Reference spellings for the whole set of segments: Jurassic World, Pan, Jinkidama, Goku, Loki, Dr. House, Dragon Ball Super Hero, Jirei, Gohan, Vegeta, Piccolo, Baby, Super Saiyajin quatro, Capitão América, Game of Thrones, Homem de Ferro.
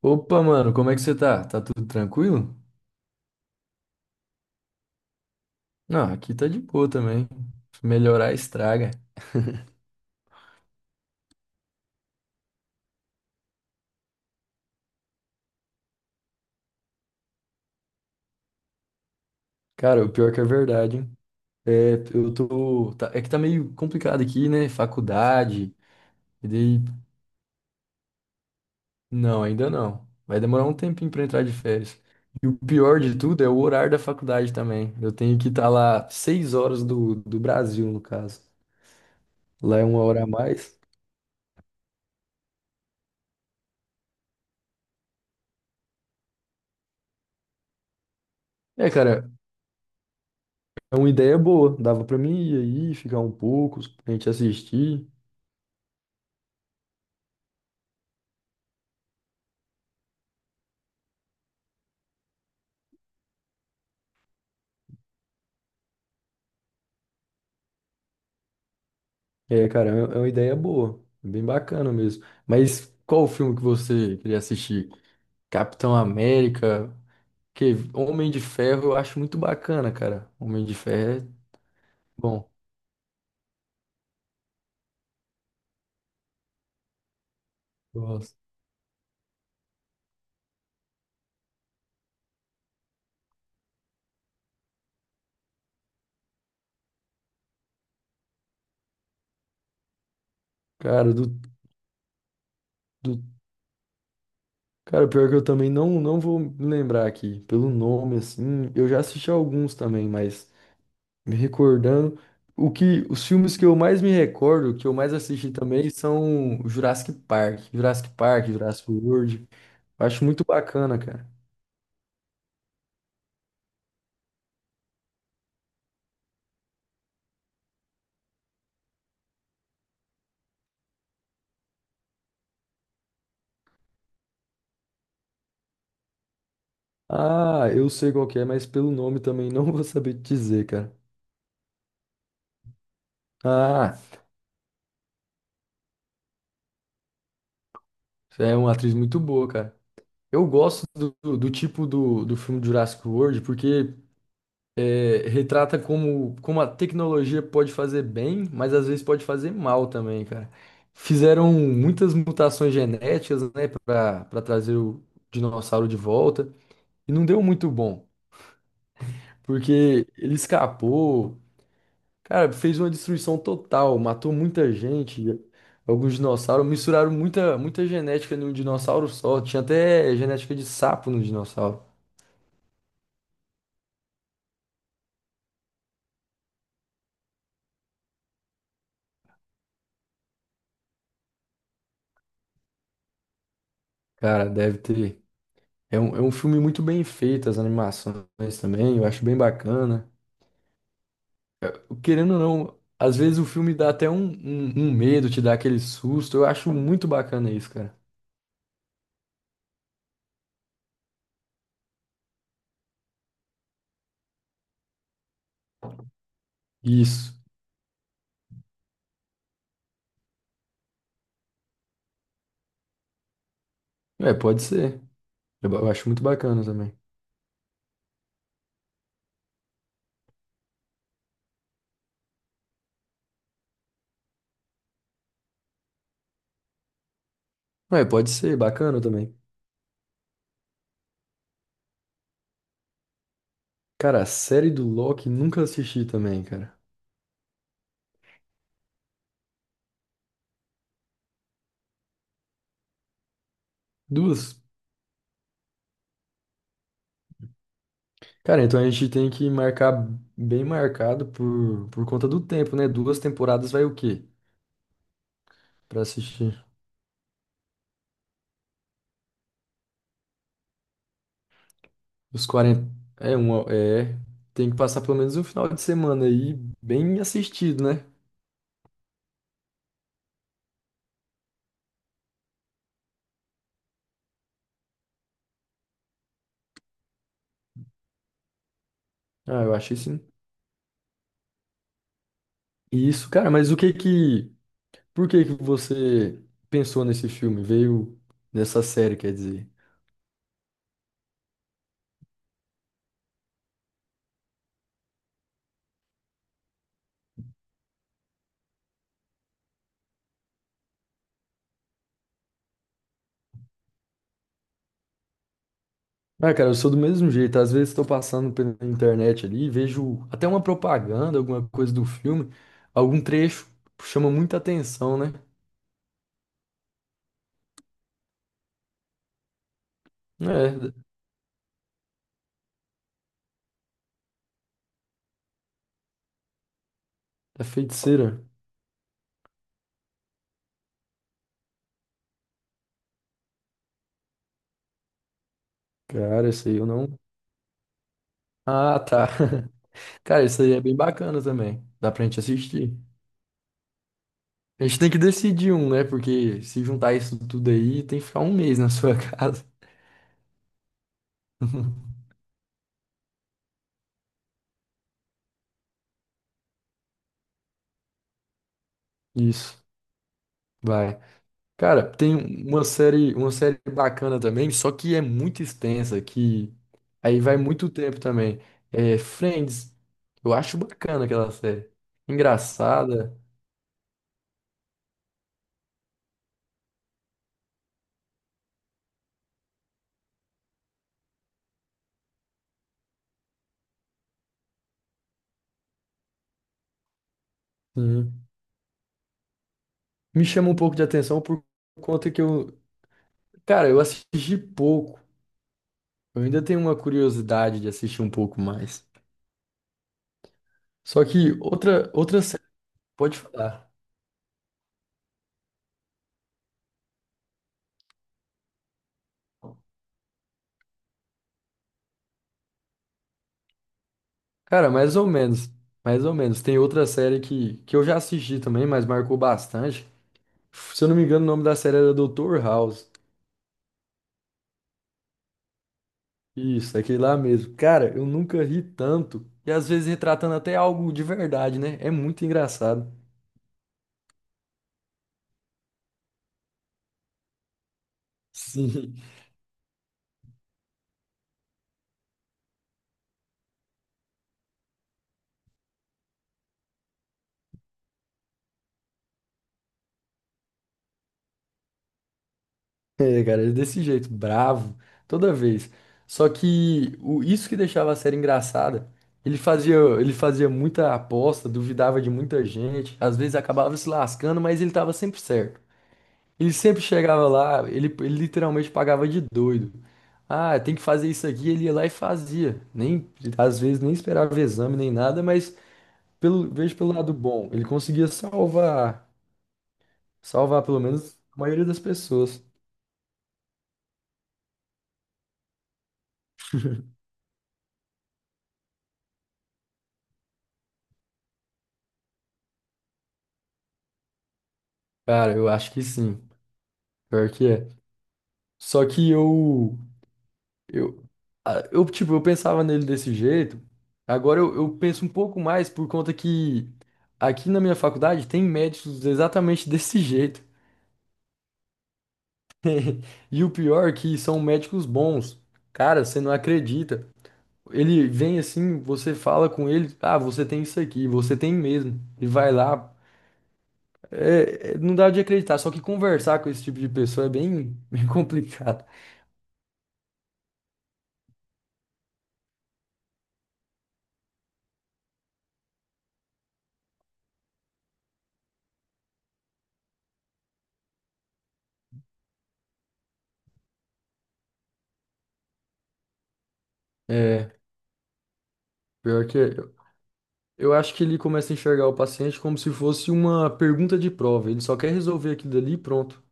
Opa, mano, como é que você tá? Tá tudo tranquilo? Não, aqui tá de boa também. Se melhorar estraga. Cara, o pior que é verdade, hein? É que tá meio complicado aqui, né? Faculdade. E daí. Não, ainda não. Vai demorar um tempinho pra entrar de férias. E o pior de tudo é o horário da faculdade também. Eu tenho que estar lá seis horas do Brasil, no caso. Lá é uma hora a mais. É, cara, é uma ideia boa. Dava pra mim ir aí, ficar um pouco, a gente assistir. É, cara, é uma ideia boa, bem bacana mesmo. Mas qual o filme que você queria assistir? Capitão América, que Homem de Ferro eu acho muito bacana, cara. Homem de Ferro é bom, eu gosto. Cara, do, do... Cara, pior que eu também não vou me lembrar aqui, pelo nome, assim, eu já assisti alguns também, mas me recordando, os filmes que eu mais me recordo, que eu mais assisti também, são Jurassic Park, Jurassic Park, Jurassic World, eu acho muito bacana, cara. Ah, eu sei qual que é, mas pelo nome também não vou saber te dizer, cara. Ah, é uma atriz muito boa, cara. Eu gosto do tipo do filme Jurassic World porque é, retrata como, como a tecnologia pode fazer bem, mas às vezes pode fazer mal também, cara. Fizeram muitas mutações genéticas, né, para trazer o dinossauro de volta e não deu muito bom, porque ele escapou. Cara, fez uma destruição total, matou muita gente, alguns dinossauros, misturaram muita, muita genética num dinossauro só, tinha até genética de sapo no dinossauro. Cara, deve ter. É um filme muito bem feito, as animações também, eu acho bem bacana. Querendo ou não, às vezes o filme dá até um medo, te dá aquele susto, eu acho muito bacana isso, cara. Isso. É, pode ser. Eu acho muito bacana também. É, pode ser, bacana também. Cara, a série do Loki nunca assisti também, cara. Duas. Cara, então a gente tem que marcar bem marcado por conta do tempo, né? Duas temporadas vai o quê? Pra assistir os 40. É, uma, é. Tem que passar pelo menos um final de semana aí bem assistido, né? Ah, eu achei sim. Isso, cara, mas o que que. Por que que você pensou nesse filme? Veio nessa série, quer dizer? Ah, cara, eu sou do mesmo jeito. Às vezes estou passando pela internet ali, e vejo até uma propaganda, alguma coisa do filme, algum trecho chama muita atenção, né? É, da feiticeira. Cara, isso aí eu não. Ah, tá. Cara, isso aí é bem bacana também. Dá pra gente assistir. A gente tem que decidir um, né? Porque se juntar isso tudo aí, tem que ficar um mês na sua casa. Isso. Vai. Cara, tem uma série bacana também, só que é muito extensa, que aí vai muito tempo também. É Friends. Eu acho bacana aquela série. Engraçada. Sim. Me chama um pouco de atenção por conta que eu, cara, eu assisti pouco. Eu ainda tenho uma curiosidade de assistir um pouco mais. Só que outra série, pode falar. Cara, mais ou menos. Mais ou menos. Tem outra série que eu já assisti também, mas marcou bastante. Se eu não me engano, o nome da série era Dr. House. Isso, é aquele lá mesmo. Cara, eu nunca ri tanto. E às vezes retratando até algo de verdade, né? É muito engraçado. Sim. É, cara, é desse jeito, bravo, toda vez. Isso que deixava a série engraçada, ele fazia muita aposta, duvidava de muita gente, às vezes acabava se lascando, mas ele tava sempre certo. Ele sempre chegava lá, ele literalmente pagava de doido. Ah, tem que fazer isso aqui, ele ia lá e fazia. Nem, às vezes nem esperava exame nem nada, mas pelo, vejo pelo lado bom, ele conseguia salvar, salvar pelo menos a maioria das pessoas. Cara, eu acho que sim, pior que é. Só que eu, ah, eu tipo, eu pensava nele desse jeito. Agora eu penso um pouco mais por conta que aqui na minha faculdade tem médicos exatamente desse jeito. E o pior é que são médicos bons. Cara, você não acredita. Ele vem assim, você fala com ele, ah, você tem isso aqui, você tem mesmo. E vai lá. Não dá de acreditar, só que conversar com esse tipo de pessoa é bem, bem complicado. É, pior que eu acho que ele começa a enxergar o paciente como se fosse uma pergunta de prova. Ele só quer resolver aquilo dali e pronto.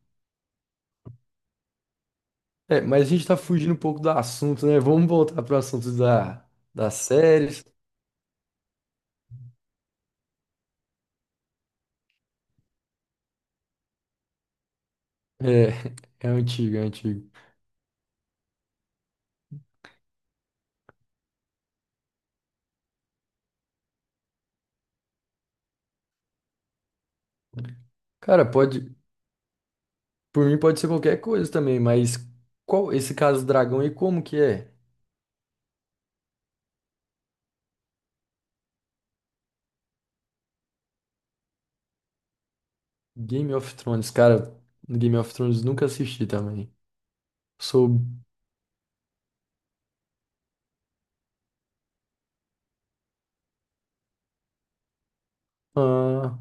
É, mas a gente tá fugindo um pouco do assunto, né? Vamos voltar pro assunto da, das séries. É, é antigo, é antigo. Cara, pode, por mim pode ser qualquer coisa também, mas qual esse caso dragão e como que é? Game of Thrones, cara, Game of Thrones nunca assisti também. Sou, ah,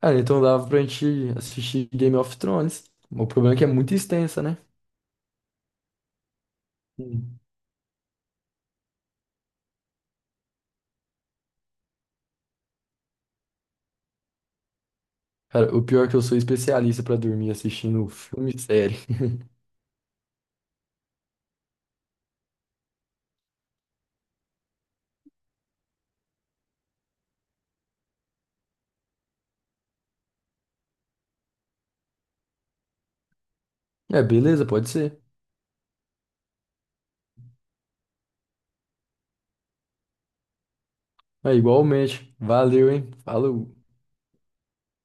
cara, então dava pra gente assistir Game of Thrones. O problema é que é muito extensa, né? Sim. Cara, o pior é que eu sou especialista pra dormir assistindo filme e série. É, beleza, pode ser. É igualmente. Valeu, hein? Falou.